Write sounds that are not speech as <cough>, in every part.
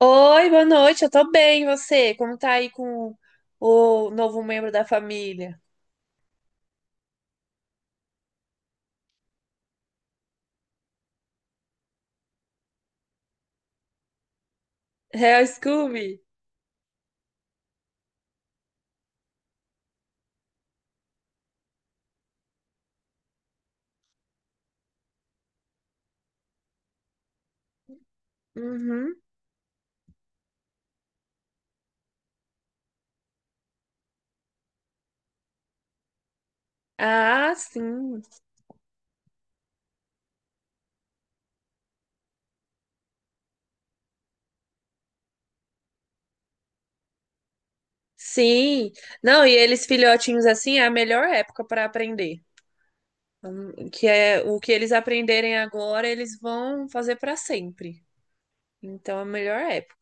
Oi, boa noite, eu tô bem, e você? Como tá aí com o novo membro da família? É o Scooby? Uhum. Ah, sim. Sim. Não, e eles filhotinhos assim é a melhor época pra aprender. Que é o que eles aprenderem agora, eles vão fazer pra sempre. Então é a melhor época.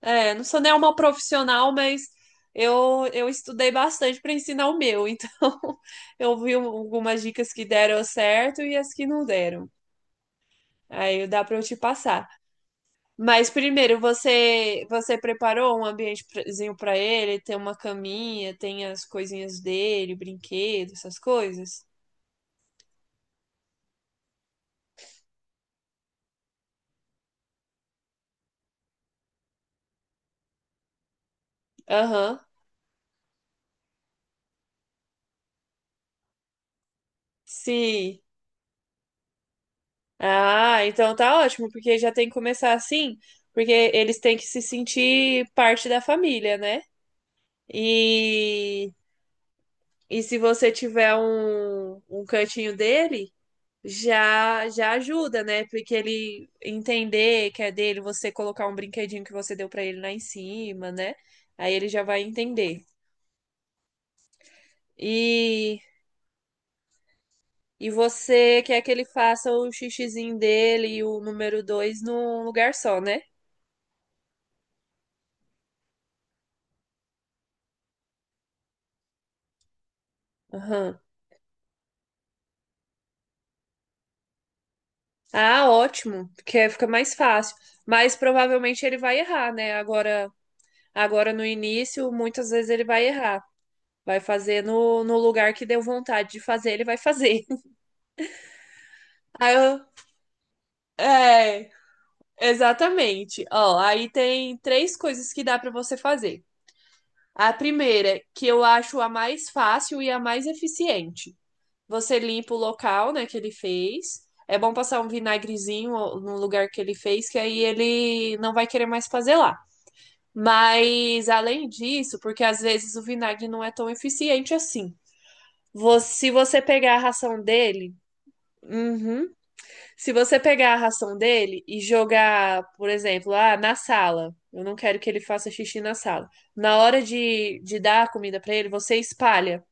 É, não sou nem uma profissional, mas eu estudei bastante pra ensinar o meu. Então <laughs> eu vi algumas dicas que deram certo e as que não deram. Aí dá para eu te passar. Mas primeiro, você preparou um ambientezinho para ele? Tem uma caminha, tem as coisinhas dele, brinquedos, essas coisas? Aham, sim. Ah, então tá ótimo, porque já tem que começar assim, porque eles têm que se sentir parte da família, né? E, e se você tiver um cantinho dele. Já já ajuda, né? Porque ele entender que é dele, você colocar um brinquedinho que você deu pra ele lá em cima, né? Aí ele já vai entender. E e você quer que ele faça o xixizinho dele e o número dois num lugar só, né? Aham. Ah, ótimo, porque fica mais fácil. Mas provavelmente ele vai errar, né? Agora no início, muitas vezes ele vai errar. Vai fazer no lugar que deu vontade de fazer, ele vai fazer. <laughs> Aí eu, é, exatamente. Ó, aí tem três coisas que dá para você fazer. A primeira, que eu acho a mais fácil e a mais eficiente. Você limpa o local, né, que ele fez. É bom passar um vinagrezinho no lugar que ele fez, que aí ele não vai querer mais fazer lá. Mas além disso, porque às vezes o vinagre não é tão eficiente assim. Se você pegar a ração dele. Uhum. Se você pegar a ração dele e jogar, por exemplo, ah, na sala, eu não quero que ele faça xixi na sala. Na hora de dar a comida para ele, você espalha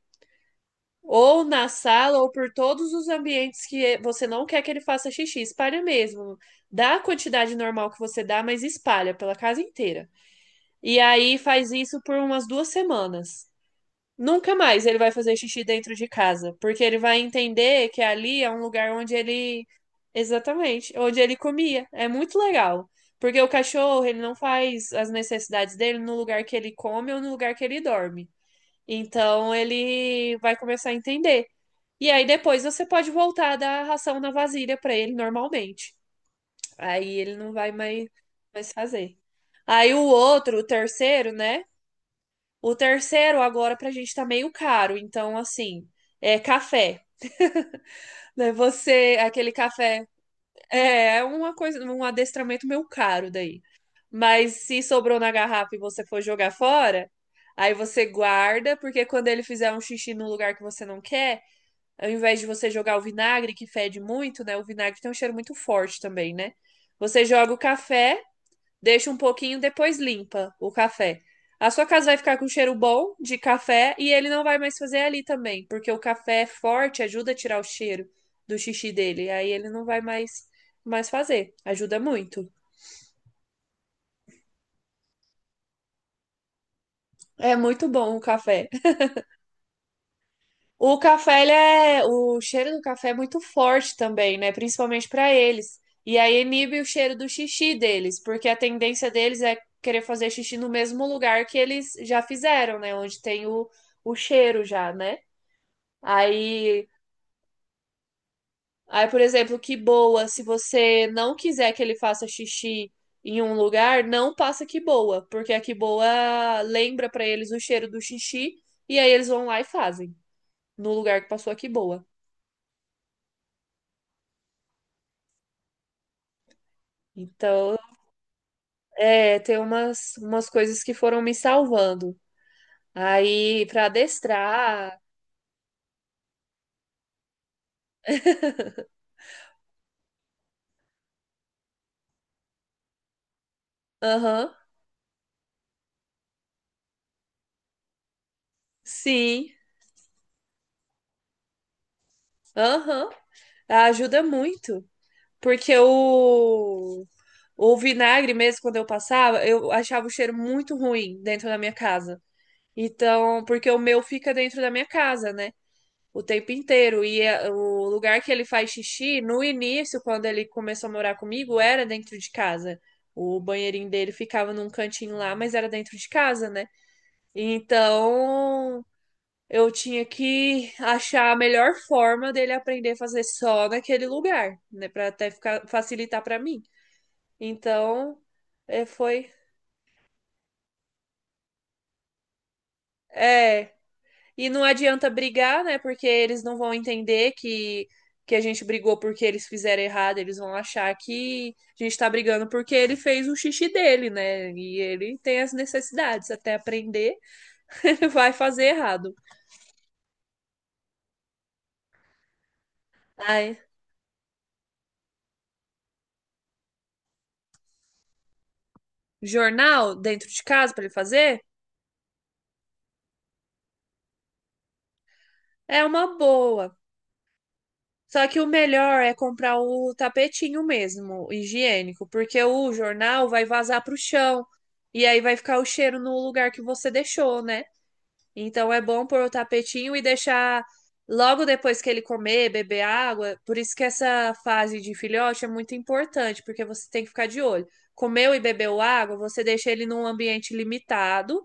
ou na sala ou por todos os ambientes que você não quer que ele faça xixi. Espalha mesmo. Dá a quantidade normal que você dá, mas espalha pela casa inteira. E aí faz isso por umas 2 semanas. Nunca mais ele vai fazer xixi dentro de casa, porque ele vai entender que ali é um lugar onde ele. Exatamente, onde ele comia. É muito legal. Porque o cachorro, ele não faz as necessidades dele no lugar que ele come ou no lugar que ele dorme. Então ele vai começar a entender. E aí depois você pode voltar a dar a ração na vasilha para ele normalmente. Aí ele não vai mais fazer. Aí o outro, o terceiro, né? O terceiro agora pra gente tá meio caro, então assim, é café, né? Você, aquele café é é uma coisa, um adestramento meio caro daí. Mas se sobrou na garrafa e você for jogar fora, aí você guarda, porque quando ele fizer um xixi num lugar que você não quer, ao invés de você jogar o vinagre, que fede muito, né? O vinagre tem um cheiro muito forte também, né? Você joga o café. Deixa um pouquinho, depois limpa o café. A sua casa vai ficar com cheiro bom de café e ele não vai mais fazer ali também, porque o café é forte, ajuda a tirar o cheiro do xixi dele. Aí ele não vai mais fazer. Ajuda muito. É muito bom o café. O café, ele é, o cheiro do café é muito forte também, né? Principalmente para eles. E aí inibe o cheiro do xixi deles, porque a tendência deles é querer fazer xixi no mesmo lugar que eles já fizeram, né? Onde tem o cheiro já, né? Aí, aí, por exemplo, que boa, se você não quiser que ele faça xixi em um lugar, não passa que boa, porque a que boa lembra pra eles o cheiro do xixi e aí eles vão lá e fazem no lugar que passou a que boa. Então, é, tem umas coisas que foram me salvando. Aí, pra adestrar, aham, sim, aham, ajuda muito. Porque o vinagre mesmo, quando eu passava, eu achava o cheiro muito ruim dentro da minha casa. Então, porque o meu fica dentro da minha casa, né? O tempo inteiro. E o lugar que ele faz xixi, no início, quando ele começou a morar comigo, era dentro de casa. O banheirinho dele ficava num cantinho lá, mas era dentro de casa, né? Então, eu tinha que achar a melhor forma dele aprender a fazer só naquele lugar, né? Pra até ficar, facilitar pra mim. Então, é, foi. É. E não adianta brigar, né? Porque eles não vão entender que a gente brigou porque eles fizeram errado. Eles vão achar que a gente tá brigando porque ele fez o xixi dele, né? E ele tem as necessidades. Até aprender, <laughs> ele vai fazer errado. Ai. Jornal dentro de casa pra ele fazer? É uma boa. Só que o melhor é comprar o tapetinho mesmo, higiênico, porque o jornal vai vazar pro chão e aí vai ficar o cheiro no lugar que você deixou, né? Então é bom pôr o tapetinho e deixar logo depois que ele comer, beber água. Por isso que essa fase de filhote é muito importante, porque você tem que ficar de olho. Comeu e bebeu água, você deixa ele num ambiente limitado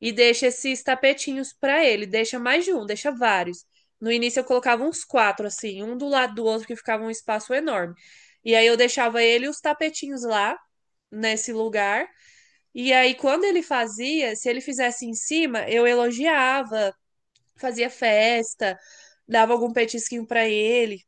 e deixa esses tapetinhos pra ele. Deixa mais de um, deixa vários. No início eu colocava uns quatro, assim, um do lado do outro, que ficava um espaço enorme. E aí eu deixava ele e os tapetinhos lá, nesse lugar. E aí, quando ele fazia, se ele fizesse em cima, eu elogiava, fazia festa, dava algum petisquinho pra ele.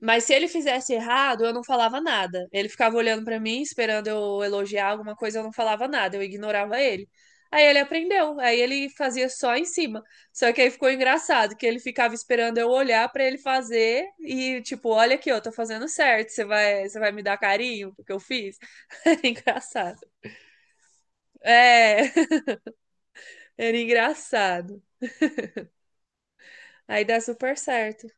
Mas se ele fizesse errado, eu não falava nada. Ele ficava olhando pra mim, esperando eu elogiar alguma coisa, eu não falava nada, eu ignorava ele. Aí ele aprendeu, aí ele fazia só em cima. Só que aí ficou engraçado que ele ficava esperando eu olhar pra ele fazer e tipo, olha aqui, eu tô fazendo certo, você vai me dar carinho porque eu fiz. <laughs> Era engraçado. É, <laughs> era engraçado. Aí dá super certo.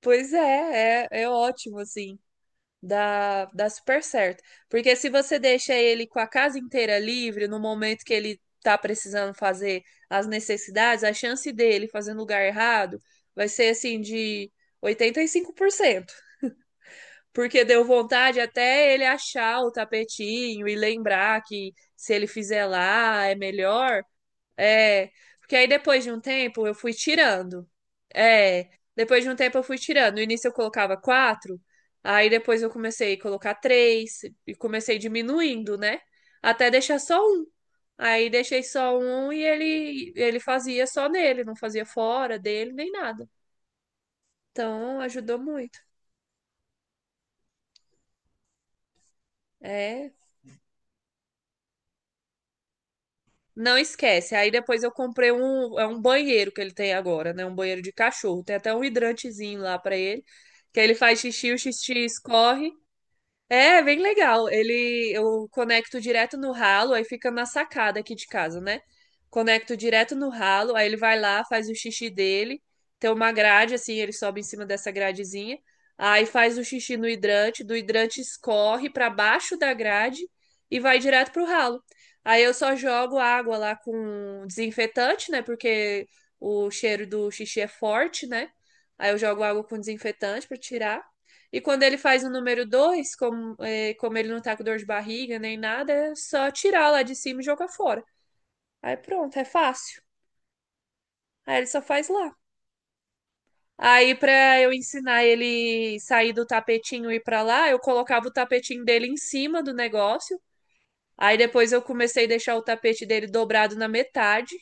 Pois é, é, é ótimo assim. Dá, dá super certo. Porque se você deixa ele com a casa inteira livre no momento que ele tá precisando fazer as necessidades, a chance dele fazer no lugar errado vai ser assim de 85%, porque deu vontade até ele achar o tapetinho e lembrar que se ele fizer lá é melhor. É, porque aí depois de um tempo eu fui tirando. É, depois de um tempo eu fui tirando. No início eu colocava quatro, aí depois eu comecei a colocar três e comecei diminuindo, né? Até deixar só um. Aí deixei só um e ele fazia só nele, não fazia fora dele nem nada. Então ajudou muito. É. Não esquece. Aí depois eu comprei um, é um banheiro que ele tem agora, né? Um banheiro de cachorro. Tem até um hidrantezinho lá pra ele, que aí ele faz xixi, o xixi escorre. É, bem legal. Ele, eu conecto direto no ralo, aí fica na sacada aqui de casa, né? Conecto direto no ralo, aí ele vai lá, faz o xixi dele. Tem uma grade assim, ele sobe em cima dessa gradezinha. Aí faz o xixi no hidrante, do hidrante escorre para baixo da grade e vai direto pro ralo. Aí eu só jogo água lá com desinfetante, né? Porque o cheiro do xixi é forte, né? Aí eu jogo água com desinfetante para tirar. E quando ele faz o número 2, como, é, como ele não tá com dor de barriga nem nada, é só tirar lá de cima e jogar fora. Aí pronto, é fácil. Aí ele só faz lá. Aí, pra eu ensinar ele sair do tapetinho e ir pra lá, eu colocava o tapetinho dele em cima do negócio. Aí depois eu comecei a deixar o tapete dele dobrado na metade.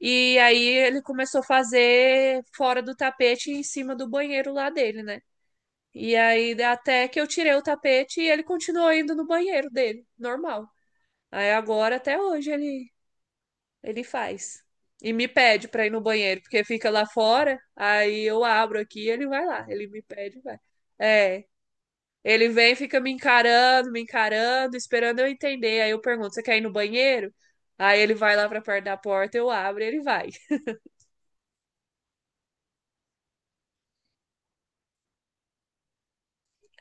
E aí ele começou a fazer fora do tapete em cima do banheiro lá dele, né? E aí, até que eu tirei o tapete e ele continuou indo no banheiro dele, normal. Aí agora, até hoje, ele faz. E me pede pra ir no banheiro, porque fica lá fora, aí eu abro aqui e ele vai lá. Ele me pede e vai. É. Ele vem, e fica me encarando, esperando eu entender. Aí eu pergunto: você quer ir no banheiro? Aí ele vai lá pra perto da porta, eu abro e ele vai.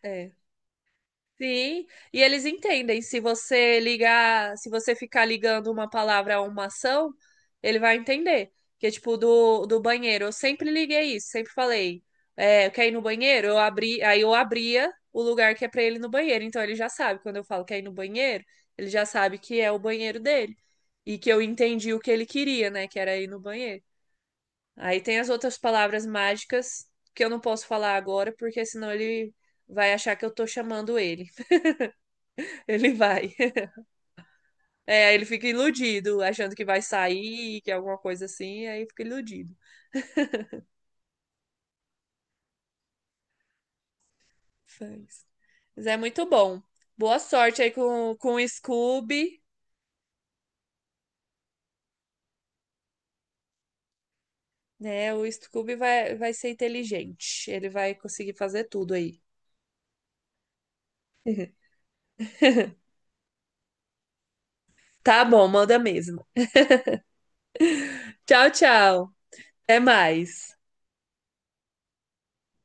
É. Sim, e eles entendem. Se você ligar, se você ficar ligando uma palavra a uma ação, ele vai entender. Que é tipo do, do banheiro. Eu sempre liguei isso, sempre falei. É, quer ir no banheiro? Eu abri, aí eu abria o lugar que é pra ele ir no banheiro. Então ele já sabe. Quando eu falo quer ir no banheiro, ele já sabe que é o banheiro dele. E que eu entendi o que ele queria, né? Que era ir no banheiro. Aí tem as outras palavras mágicas que eu não posso falar agora, porque senão ele vai achar que eu tô chamando ele. Ele vai. <laughs> É, ele fica iludido, achando que vai sair, que é alguma coisa assim, aí fica iludido. Mas, mas é muito bom. Boa sorte aí com o Scooby, né? O Scooby vai, vai ser inteligente. Ele vai conseguir fazer tudo aí. <laughs> Tá bom, manda mesmo. Tchau, tchau. Até mais.